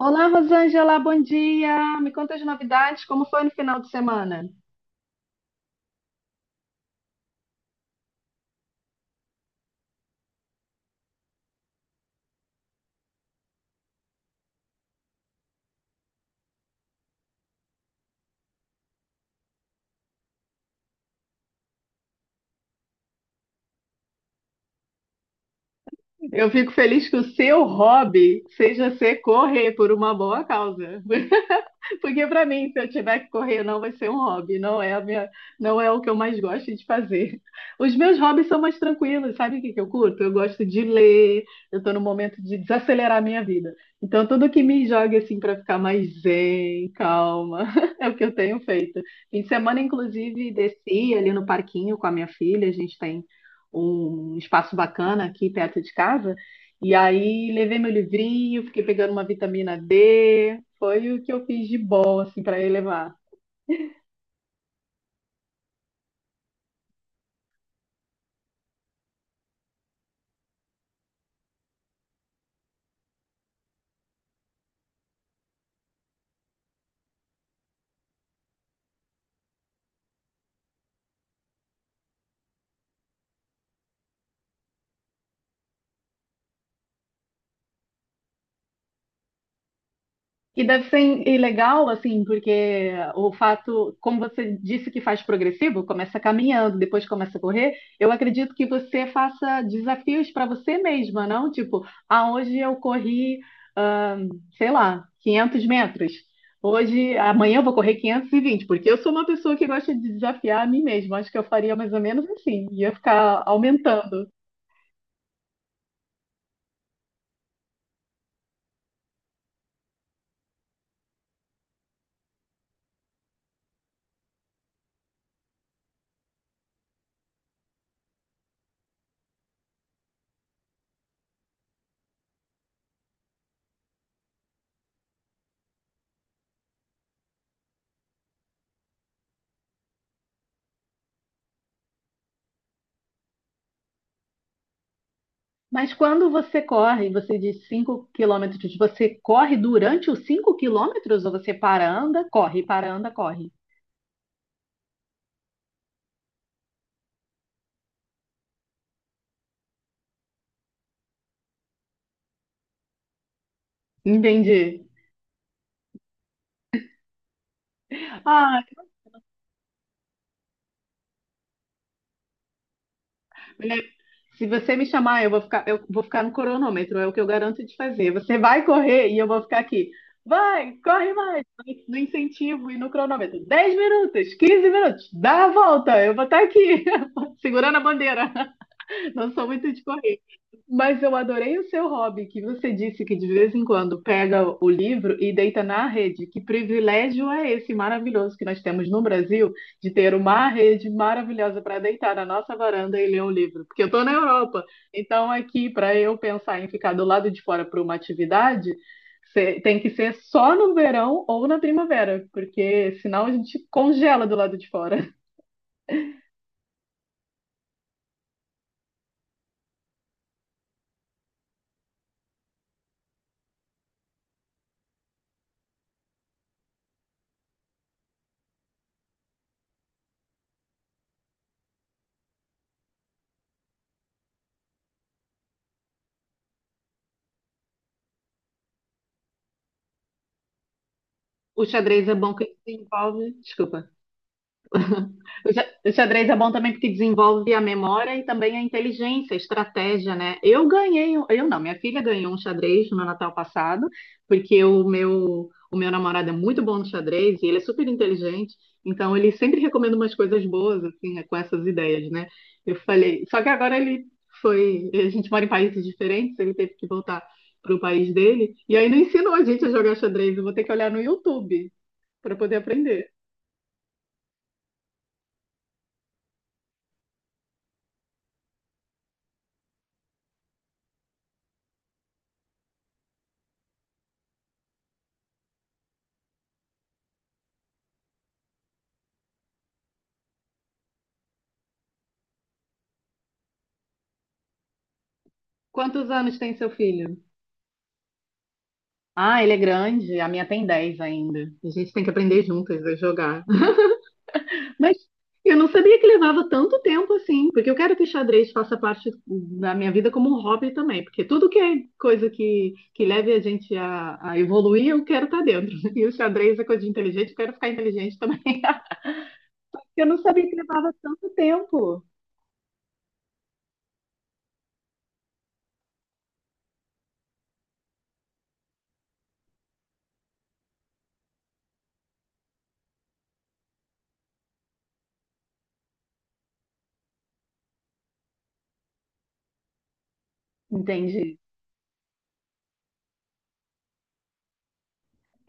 Olá, Rosângela, bom dia. Me conta as novidades, como foi no final de semana? Eu fico feliz que o seu hobby seja ser correr por uma boa causa. Porque para mim, se eu tiver que correr, não vai ser um hobby, não é o que eu mais gosto de fazer. Os meus hobbies são mais tranquilos, sabe o que que eu curto? Eu gosto de ler, eu estou no momento de desacelerar a minha vida. Então, tudo que me joga assim para ficar mais zen, calma, é o que eu tenho feito. Fim de semana, inclusive, desci ali no parquinho com a minha filha, a gente tem um espaço bacana aqui perto de casa. E aí levei meu livrinho, fiquei pegando uma vitamina D, foi o que eu fiz de bom assim para elevar. E deve ser e legal, assim, porque o fato, como você disse que faz progressivo, começa caminhando, depois começa a correr, eu acredito que você faça desafios para você mesma, não? Tipo, ah, hoje eu corri, ah, sei lá, 500 metros. Hoje, amanhã eu vou correr 520, porque eu sou uma pessoa que gosta de desafiar a mim mesma. Acho que eu faria mais ou menos assim, ia ficar aumentando. Mas quando você corre, você diz 5 km, você corre durante os 5 km ou você para, anda, corre, para, anda, corre? Entendi. Ah, é, se você me chamar, eu vou ficar no cronômetro, é o que eu garanto de fazer. Você vai correr e eu vou ficar aqui. Vai, corre mais, no incentivo e no cronômetro. 10 minutos, 15 minutos, dá a volta, eu vou estar aqui, segurando a bandeira. Não sou muito de correr. Mas eu adorei o seu hobby, que você disse que de vez em quando pega o livro e deita na rede. Que privilégio é esse maravilhoso que nós temos no Brasil de ter uma rede maravilhosa para deitar na nossa varanda e ler um livro? Porque eu estou na Europa, então aqui para eu pensar em ficar do lado de fora para uma atividade, tem que ser só no verão ou na primavera, porque senão a gente congela do lado de fora. O xadrez é bom que desenvolve. Desculpa. O xadrez é bom também porque desenvolve a memória e também a inteligência, a estratégia, né? Eu ganhei, um- eu não, Minha filha ganhou um xadrez no meu Natal passado, porque o meu namorado é muito bom no xadrez e ele é super inteligente, então ele sempre recomenda umas coisas boas, assim, né, com essas ideias, né? Eu falei, só que agora ele foi, a gente mora em países diferentes, ele teve que voltar para o país dele, e aí não ensinou a gente a jogar xadrez, eu vou ter que olhar no YouTube para poder aprender. Quantos anos tem seu filho? Ah, ele é grande, a minha tem 10 ainda. A gente tem que aprender juntas a jogar. Mas eu não sabia que levava tanto tempo assim, porque eu quero que o xadrez faça parte da minha vida como um hobby também, porque tudo que é coisa que leve a gente a evoluir, eu quero estar dentro. E o xadrez é coisa de inteligente, eu quero ficar inteligente também. Eu não sabia que levava tanto tempo. Entendi.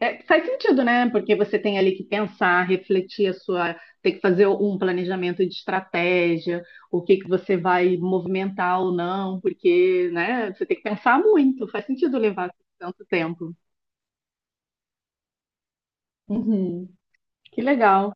É, faz sentido, né? Porque você tem ali que pensar, tem que fazer um planejamento de estratégia, o que que você vai movimentar ou não, porque, né, você tem que pensar muito, faz sentido levar tanto tempo. Uhum, que legal.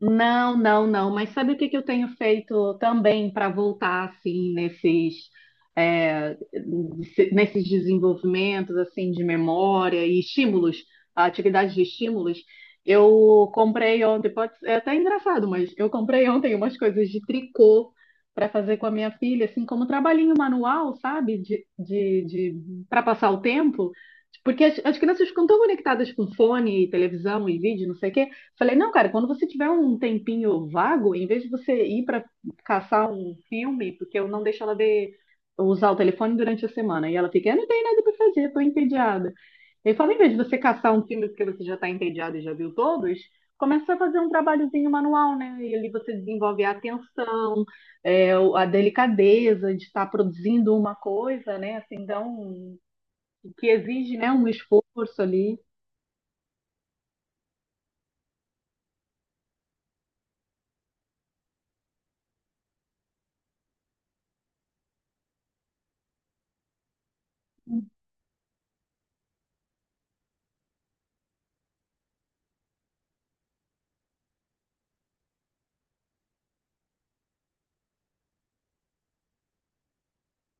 Não, não, não. Mas sabe o que que eu tenho feito também para voltar assim nesses é, nesses desenvolvimentos assim de memória e estímulos, atividades de estímulos? Eu comprei ontem, pode ser é até engraçado, mas eu comprei ontem umas coisas de tricô para fazer com a minha filha, assim como trabalhinho manual, sabe? De Para passar o tempo. Porque as crianças ficam tão conectadas com fone, televisão e vídeo, não sei o quê. Falei, não, cara, quando você tiver um tempinho vago, em vez de você ir para caçar um filme, porque eu não deixo ela ver, usar o telefone durante a semana. E ela fica, eu não tenho nada para fazer, tô entediada. Ele fala, em vez de você caçar um filme porque você já tá entediada e já viu todos, começa a fazer um trabalhozinho manual, né? E ali você desenvolve a atenção, é, a delicadeza de estar produzindo uma coisa, né? Assim, então, que exige, né, um esforço ali.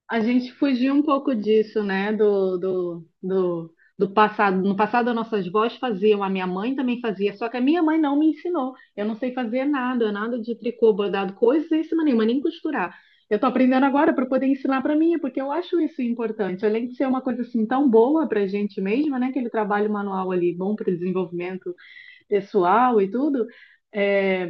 A gente fugiu um pouco disso, né? Do passado. No passado, as nossas vós faziam, a minha mãe também fazia, só que a minha mãe não me ensinou. Eu não sei fazer nada, nada de tricô, bordado, coisíssima nenhuma, nem costurar. Eu tô aprendendo agora para poder ensinar para mim, porque eu acho isso importante. Além de ser uma coisa assim tão boa para a gente mesma, né? Aquele trabalho manual ali, bom para o desenvolvimento pessoal e tudo, é,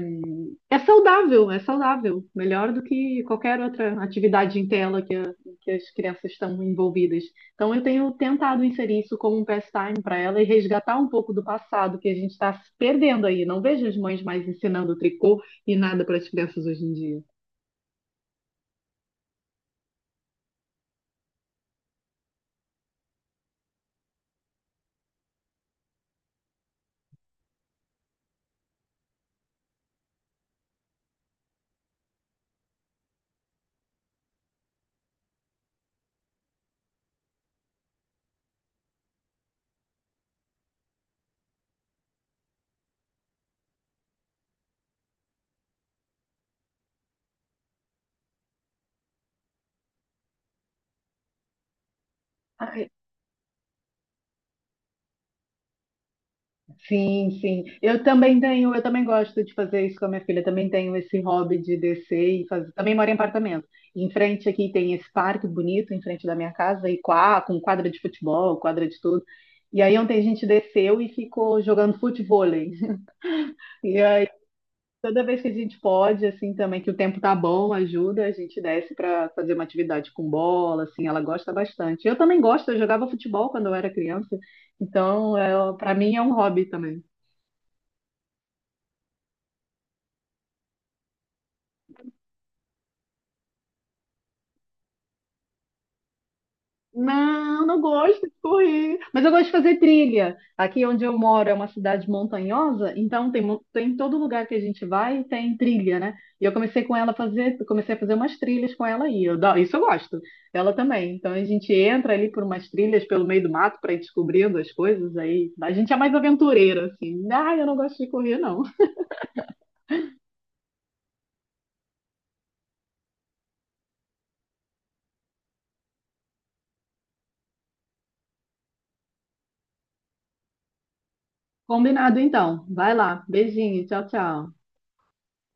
é saudável, é saudável. Melhor do que qualquer outra atividade em tela que as crianças estão envolvidas. Então, eu tenho tentado inserir isso como um pastime para ela e resgatar um pouco do passado que a gente está perdendo aí. Não vejo as mães mais ensinando tricô e nada para as crianças hoje em dia. Sim, sim. Eu também tenho, eu também gosto de fazer isso com a minha filha. Também tenho esse hobby de descer e fazer. Também moro em apartamento. Em frente aqui tem esse parque bonito em frente da minha casa e com quadra de futebol, quadra de tudo. E aí ontem a gente desceu e ficou jogando futevôlei. E aí toda vez que a gente pode, assim também que o tempo tá bom, ajuda, a gente desce para fazer uma atividade com bola, assim, ela gosta bastante. Eu também gosto, eu jogava futebol quando eu era criança. Então, é, para mim é um hobby também. Não, não gosto de correr, mas eu gosto de fazer trilha. Aqui onde eu moro é uma cidade montanhosa, então tem todo lugar que a gente vai tem trilha, né? E eu comecei com ela a fazer, comecei a fazer umas trilhas com ela aí. Isso eu gosto. Ela também. Então a gente entra ali por umas trilhas pelo meio do mato para ir descobrindo as coisas aí. A gente é mais aventureira assim. Ah, eu não gosto de correr não. Combinado então. Vai lá. Beijinho. Tchau, tchau.